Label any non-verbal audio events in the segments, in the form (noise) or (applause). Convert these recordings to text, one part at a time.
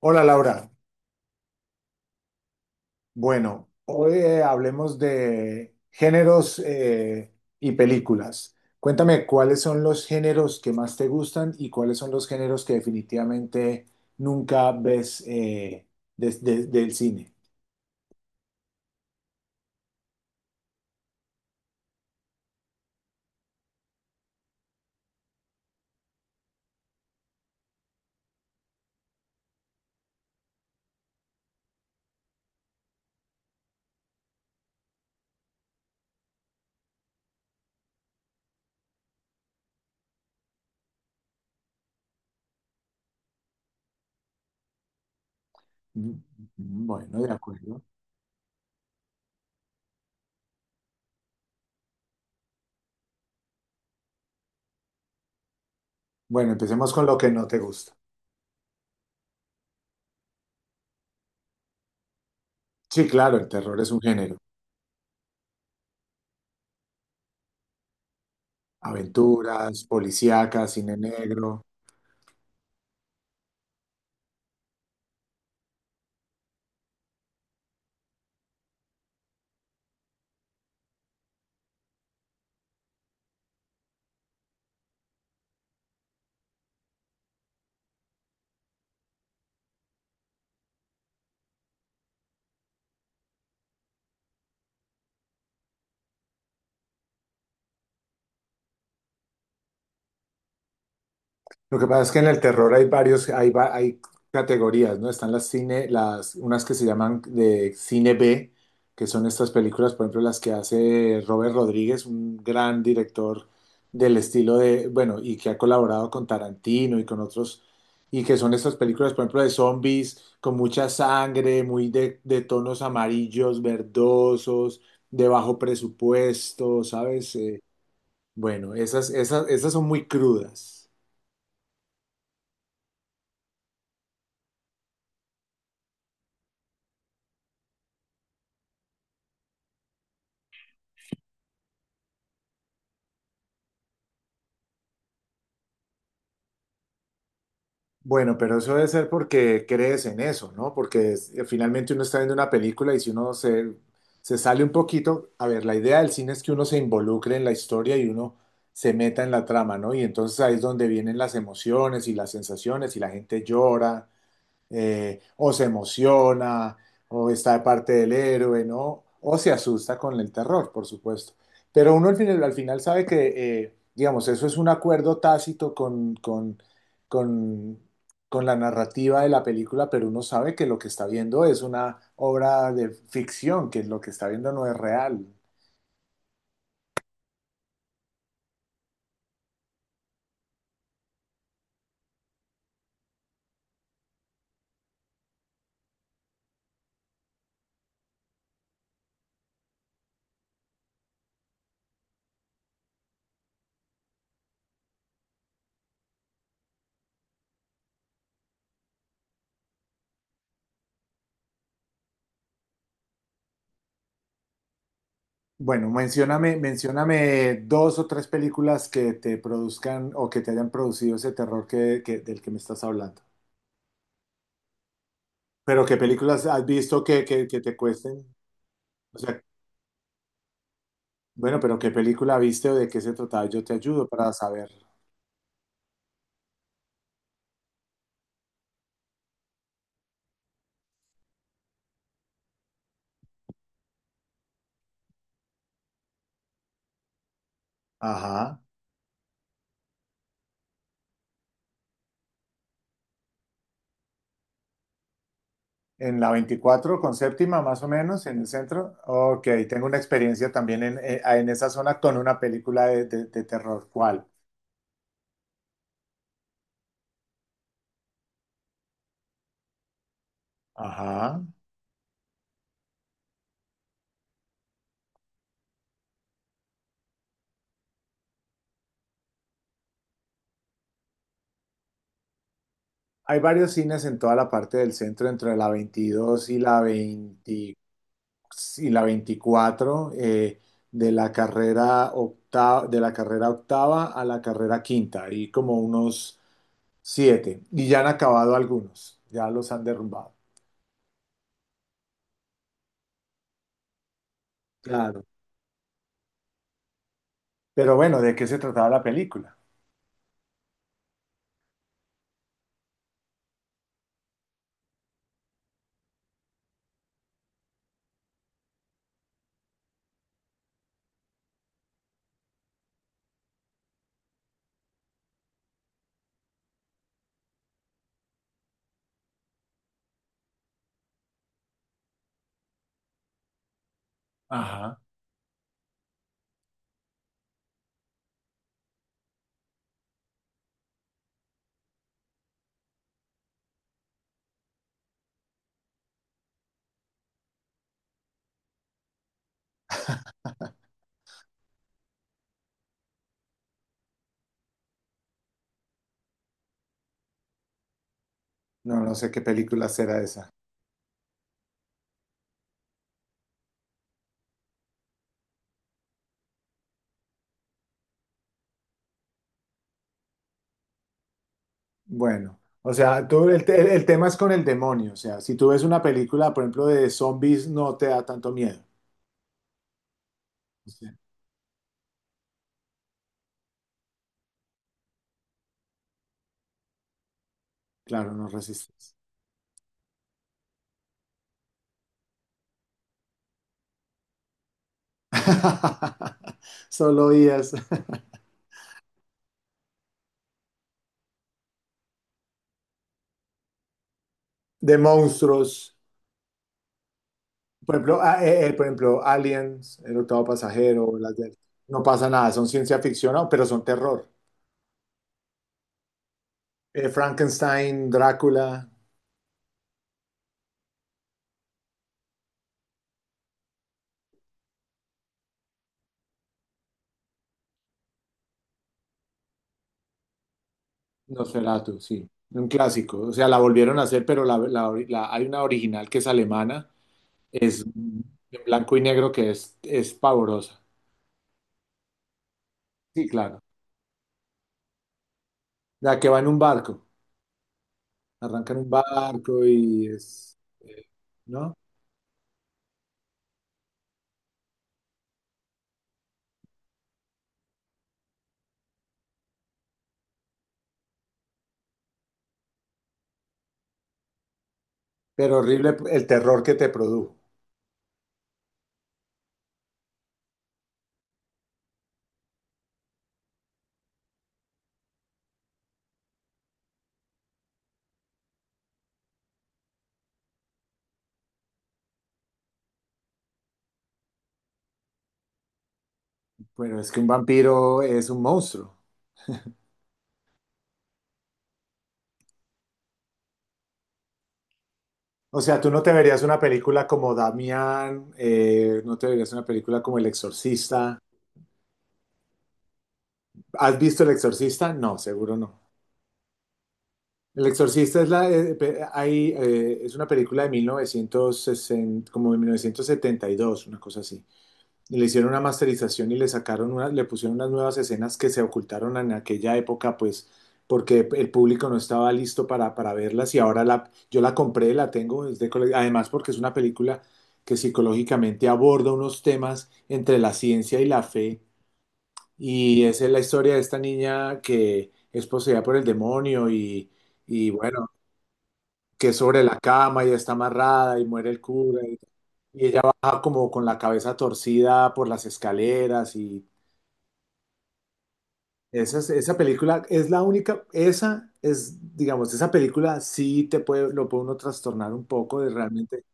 Hola Laura, bueno, hoy hablemos de géneros y películas. Cuéntame cuáles son los géneros que más te gustan y cuáles son los géneros que definitivamente nunca ves del cine. Mm, mm, mm, bueno, de acuerdo. Bueno, empecemos con lo que no te gusta. Sí, claro, el terror es un género. Aventuras, policíacas, cine negro. Lo que pasa es que en el terror hay varios, hay categorías, ¿no? Están las cine, las, unas que se llaman de cine B, que son estas películas, por ejemplo, las que hace Robert Rodríguez, un gran director del estilo de, bueno, y que ha colaborado con Tarantino y con otros, y que son estas películas, por ejemplo, de zombies, con mucha sangre, muy de tonos amarillos, verdosos, de bajo presupuesto, ¿sabes? Bueno, esas son muy crudas. Bueno, pero eso debe ser porque crees en eso, ¿no? Porque finalmente uno está viendo una película y si uno se, se sale un poquito, a ver, la idea del cine es que uno se involucre en la historia y uno se meta en la trama, ¿no? Y entonces ahí es donde vienen las emociones y las sensaciones y la gente llora o se emociona, o está de parte del héroe, ¿no? O se asusta con el terror, por supuesto. Pero uno al final sabe que, digamos, eso es un acuerdo tácito con, con la narrativa de la película, pero uno sabe que lo que está viendo es una obra de ficción, que lo que está viendo no es real. Bueno, mencióname, mencióname dos o tres películas que te produzcan o que te hayan producido ese terror del que me estás hablando. Pero ¿qué películas has visto que te cuesten? O sea, bueno, pero ¿qué película viste o de qué se trataba? Yo te ayudo para saber. Ajá. En la 24 con 7ª, más o menos, en el centro. Ok, tengo una experiencia también en esa zona con una película de, de terror. ¿Cuál? Ajá. Hay varios cines en toda la parte del centro, entre la 22 y la 24 de la carrera 8ª, de la carrera octava a la carrera 5ª, ahí como unos siete. Y ya han acabado algunos, ya los han derrumbado. Claro. Pero bueno, ¿de qué se trataba la película? Ajá. No, no sé qué película será esa. Bueno, o sea, el tema es con el demonio. O sea, si tú ves una película, por ejemplo, de zombies, no te da tanto miedo. O claro, no resistes. (laughs) Solo días. De monstruos. Por ejemplo, por ejemplo, Aliens, El octavo pasajero, no pasa nada, son ciencia ficción, no, pero son terror. Frankenstein, Drácula, Nosferatu, sí, un clásico. O sea, la volvieron a hacer, pero la, hay una original que es alemana, es en blanco y negro que es pavorosa. Sí, claro. La que va en un barco, arranca en un barco y es, ¿no? Pero horrible el terror que te produjo. Bueno, es que un vampiro es un monstruo. O sea, tú no te verías una película como Damián, no te verías una película como El Exorcista. ¿Has visto El Exorcista? No, seguro no. El Exorcista es, es una película de 1960, como de 1972, una cosa así. Le hicieron una masterización y le sacaron unas, le pusieron unas nuevas escenas que se ocultaron en aquella época, pues, porque el público no estaba listo para verlas y ahora la, yo la compré, la tengo desde además porque es una película que psicológicamente aborda unos temas entre la ciencia y la fe y esa es la historia de esta niña que es poseída por el demonio y bueno, que es sobre la cama y está amarrada y muere el cura y ella baja como con la cabeza torcida por las escaleras y esa, esa película es la única, esa es, digamos, esa película sí te puede, lo puede uno trastornar un poco de realmente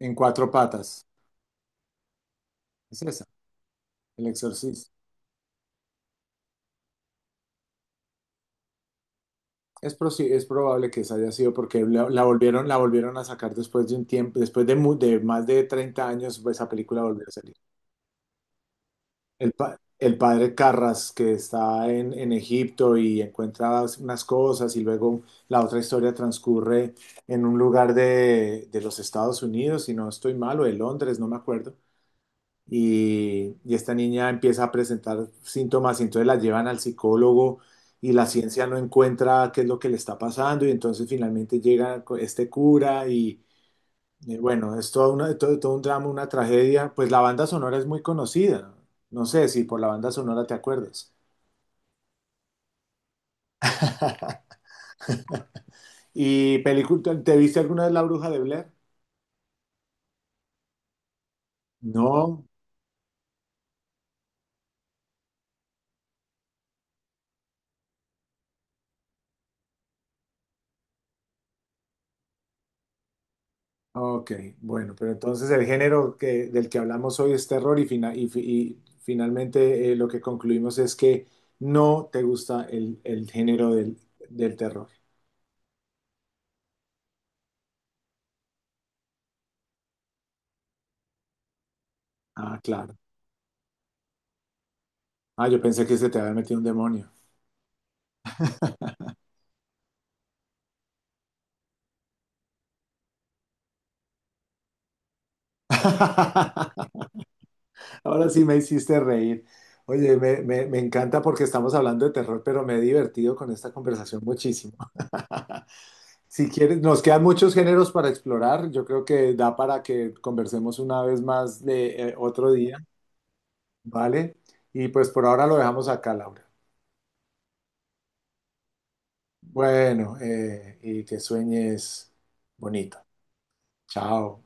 en cuatro patas. Es esa, El Exorcista. Es, es probable que esa haya sido porque la, la volvieron a sacar después de un tiempo, después de, de más de 30 años, pues, esa película volvió a salir. El padre Carras que está en Egipto y encuentra unas cosas y luego la otra historia transcurre en un lugar de los Estados Unidos, si no estoy mal, o de Londres, no me acuerdo. Y esta niña empieza a presentar síntomas y entonces la llevan al psicólogo y la ciencia no encuentra qué es lo que le está pasando y entonces finalmente llega este cura y bueno, es todo, una, todo, todo un drama, una tragedia. Pues la banda sonora es muy conocida. No sé si por la banda sonora te acuerdas. ¿Y película, te viste alguna vez La Bruja de Blair? No. Ok, bueno, pero entonces el género que, del que hablamos hoy es terror y, y finalmente lo que concluimos es que no te gusta el género del, del terror. Ah, claro. Ah, yo pensé que se te había metido un demonio. (laughs) Ahora sí me hiciste reír. Oye, me encanta porque estamos hablando de terror, pero me he divertido con esta conversación muchísimo. (laughs) Si quieres, nos quedan muchos géneros para explorar. Yo creo que da para que conversemos una vez más de otro día, ¿vale? Y pues por ahora lo dejamos acá, Laura. Bueno, y que sueñes bonito. Chao.